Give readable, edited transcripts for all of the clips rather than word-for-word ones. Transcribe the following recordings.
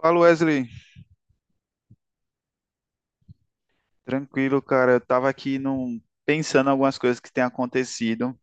Fala, Wesley. Tranquilo, cara. Eu tava aqui pensando em algumas coisas que têm acontecido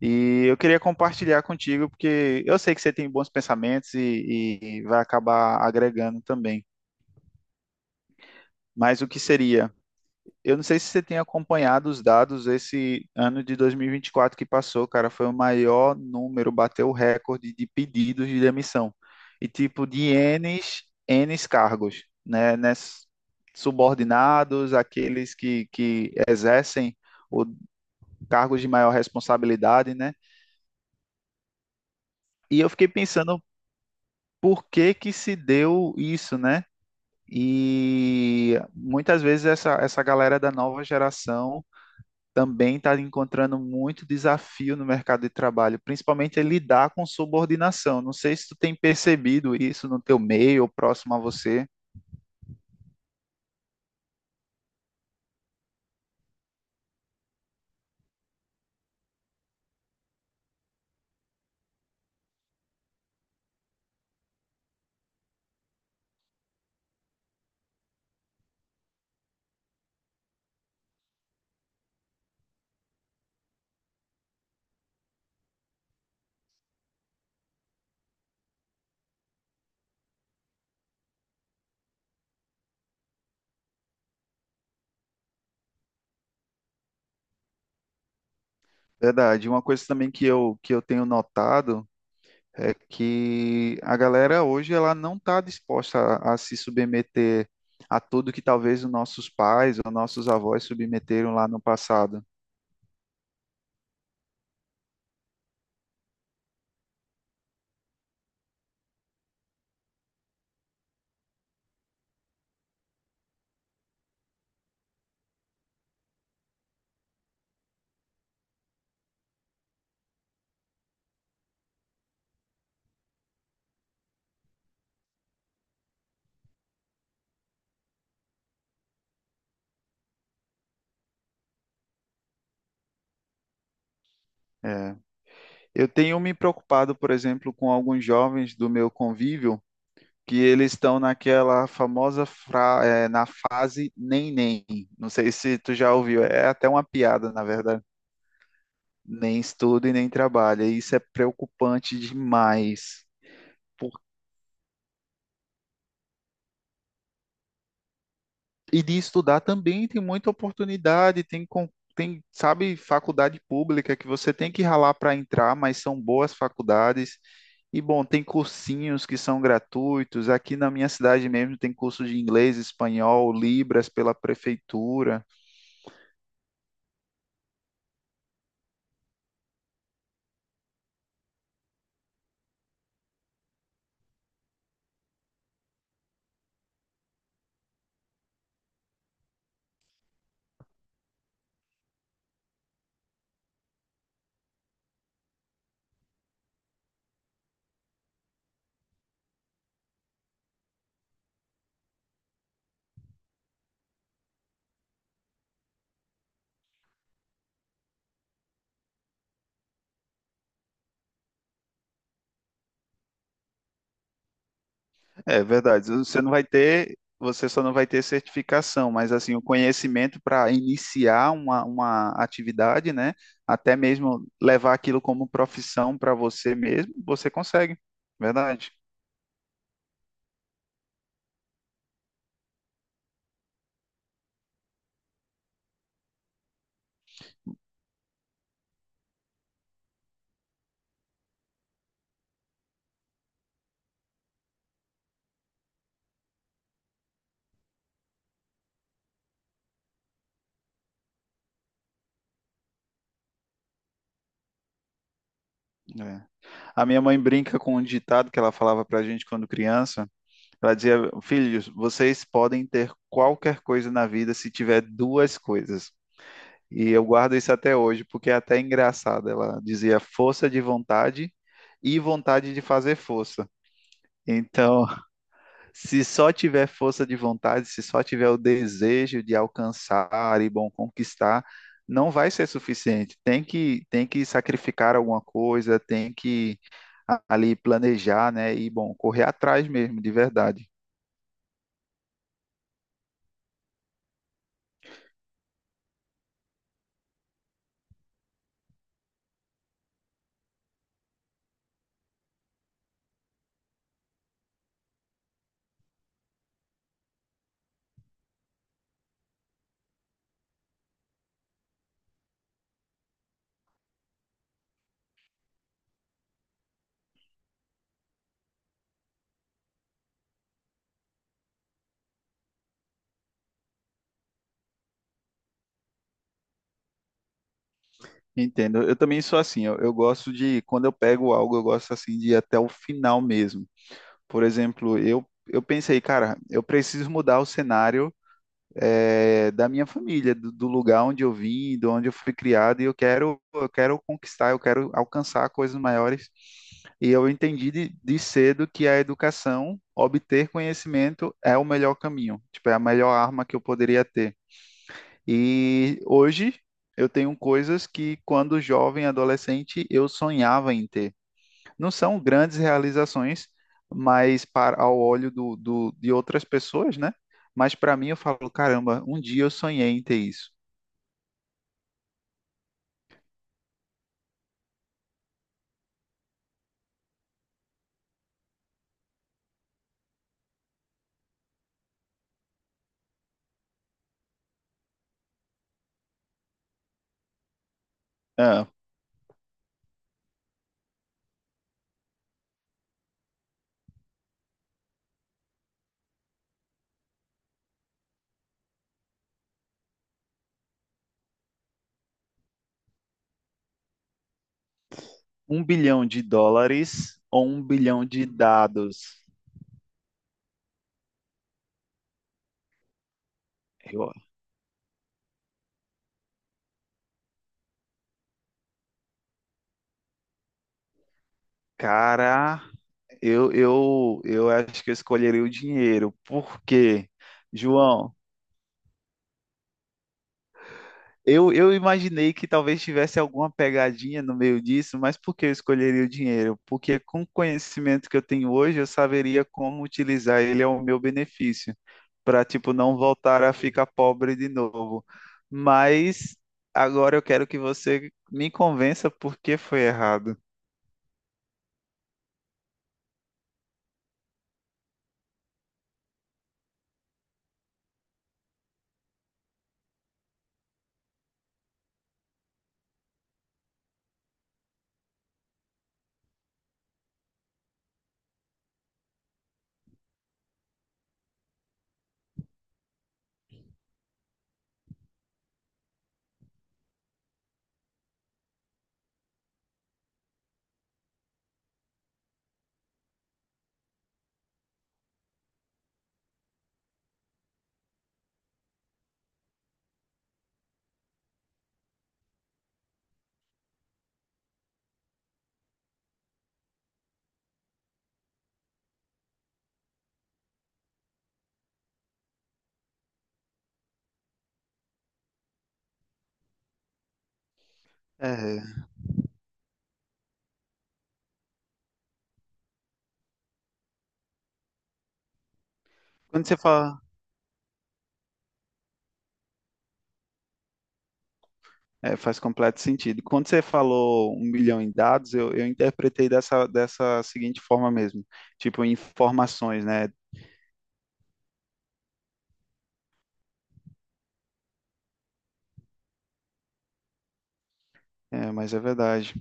e eu queria compartilhar contigo porque eu sei que você tem bons pensamentos e vai acabar agregando também. Mas o que seria? Eu não sei se você tem acompanhado os dados esse ano de 2024 que passou. Cara, foi o maior número, bateu o recorde de pedidos de demissão. E tipo, de N, N cargos, né? Subordinados, aqueles que exercem o cargos de maior responsabilidade, né? E eu fiquei pensando por que que se deu isso, né? E muitas vezes essa galera da nova geração também está encontrando muito desafio no mercado de trabalho, principalmente é lidar com subordinação. Não sei se tu tem percebido isso no teu meio ou próximo a você. Verdade. Uma coisa também que eu tenho notado é que a galera hoje ela não está disposta a se submeter a tudo que talvez os nossos pais ou nossos avós submeteram lá no passado. É. Eu tenho me preocupado, por exemplo, com alguns jovens do meu convívio que eles estão naquela famosa na fase nem nem. Não sei se tu já ouviu, é até uma piada, na verdade. Nem estuda e nem trabalha. E isso é preocupante demais. Por- E de estudar também tem muita oportunidade, tem, sabe, faculdade pública que você tem que ralar para entrar, mas são boas faculdades. E bom, tem cursinhos que são gratuitos. Aqui na minha cidade mesmo tem curso de inglês, espanhol, Libras pela prefeitura. É verdade. Você só não vai ter certificação, mas assim, o conhecimento para iniciar uma atividade, né? Até mesmo levar aquilo como profissão para você mesmo, você consegue. Verdade. É. A minha mãe brinca com um ditado que ela falava para a gente quando criança. Ela dizia: filhos, vocês podem ter qualquer coisa na vida se tiver duas coisas. E eu guardo isso até hoje, porque é até engraçado. Ela dizia força de vontade e vontade de fazer força. Então, se só tiver força de vontade, se só tiver o desejo de alcançar e bom conquistar, não vai ser suficiente. Tem que sacrificar alguma coisa, tem que ali planejar, né? E bom, correr atrás mesmo, de verdade. Entendo. Eu também sou assim. Eu gosto de quando eu pego algo, eu gosto assim de ir até o final mesmo. Por exemplo, eu pensei, cara, eu preciso mudar o cenário da minha família, do, do lugar onde eu vim, de onde eu fui criado, e eu quero conquistar, eu quero alcançar coisas maiores. E eu entendi de cedo que a educação, obter conhecimento, é o melhor caminho, tipo, é a melhor arma que eu poderia ter. E hoje eu tenho coisas que, quando jovem, adolescente, eu sonhava em ter, não são grandes realizações, mas para ao olho de outras pessoas, né? Mas para mim eu falo, caramba, um dia eu sonhei em ter isso. Ah, um bilhão de dólares ou um bilhão de dados? Eu- Cara, eu acho que eu escolheria o dinheiro. Por quê? João, eu imaginei que talvez tivesse alguma pegadinha no meio disso, mas por que eu escolheria o dinheiro? Porque com o conhecimento que eu tenho hoje, eu saberia como utilizar ele ao meu benefício, para tipo não voltar a ficar pobre de novo. Mas agora eu quero que você me convença por que foi errado. É, quando você fala, é, faz completo sentido. Quando você falou um milhão em dados, eu interpretei dessa, dessa seguinte forma mesmo, tipo informações, né? É, mas é verdade.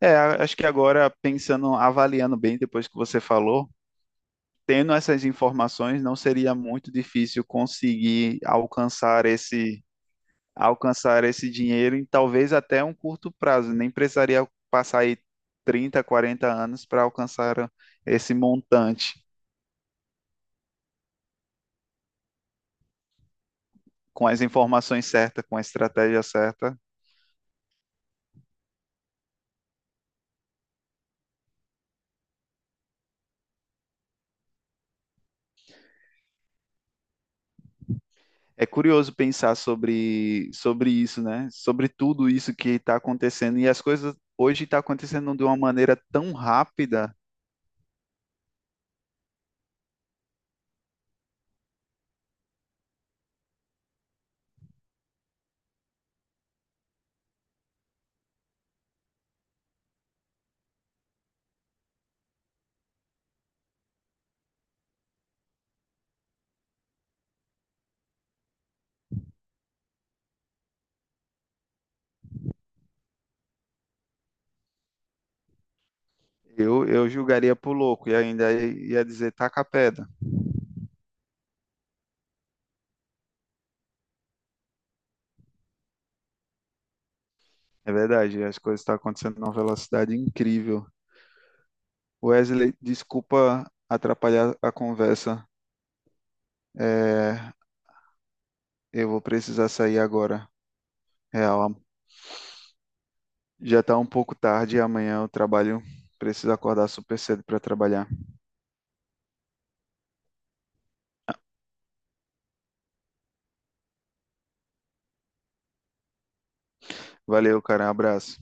É, acho que agora, pensando, avaliando bem depois que você falou, tendo essas informações, não seria muito difícil conseguir alcançar esse dinheiro em talvez até um curto prazo. Nem precisaria passar aí 30, 40 anos para alcançar esse montante. Com as informações certas, com a estratégia certa, é curioso pensar sobre, sobre isso, né? Sobre tudo isso que está acontecendo. E as coisas hoje estão acontecendo de uma maneira tão rápida, eu julgaria por louco e ainda ia dizer taca a pedra. É verdade, as coisas estão acontecendo numa velocidade incrível. Wesley, desculpa atrapalhar a conversa. É, eu vou precisar sair agora. Real, já está um pouco tarde e amanhã eu trabalho. Preciso acordar super cedo para trabalhar. Valeu, cara. Abraço.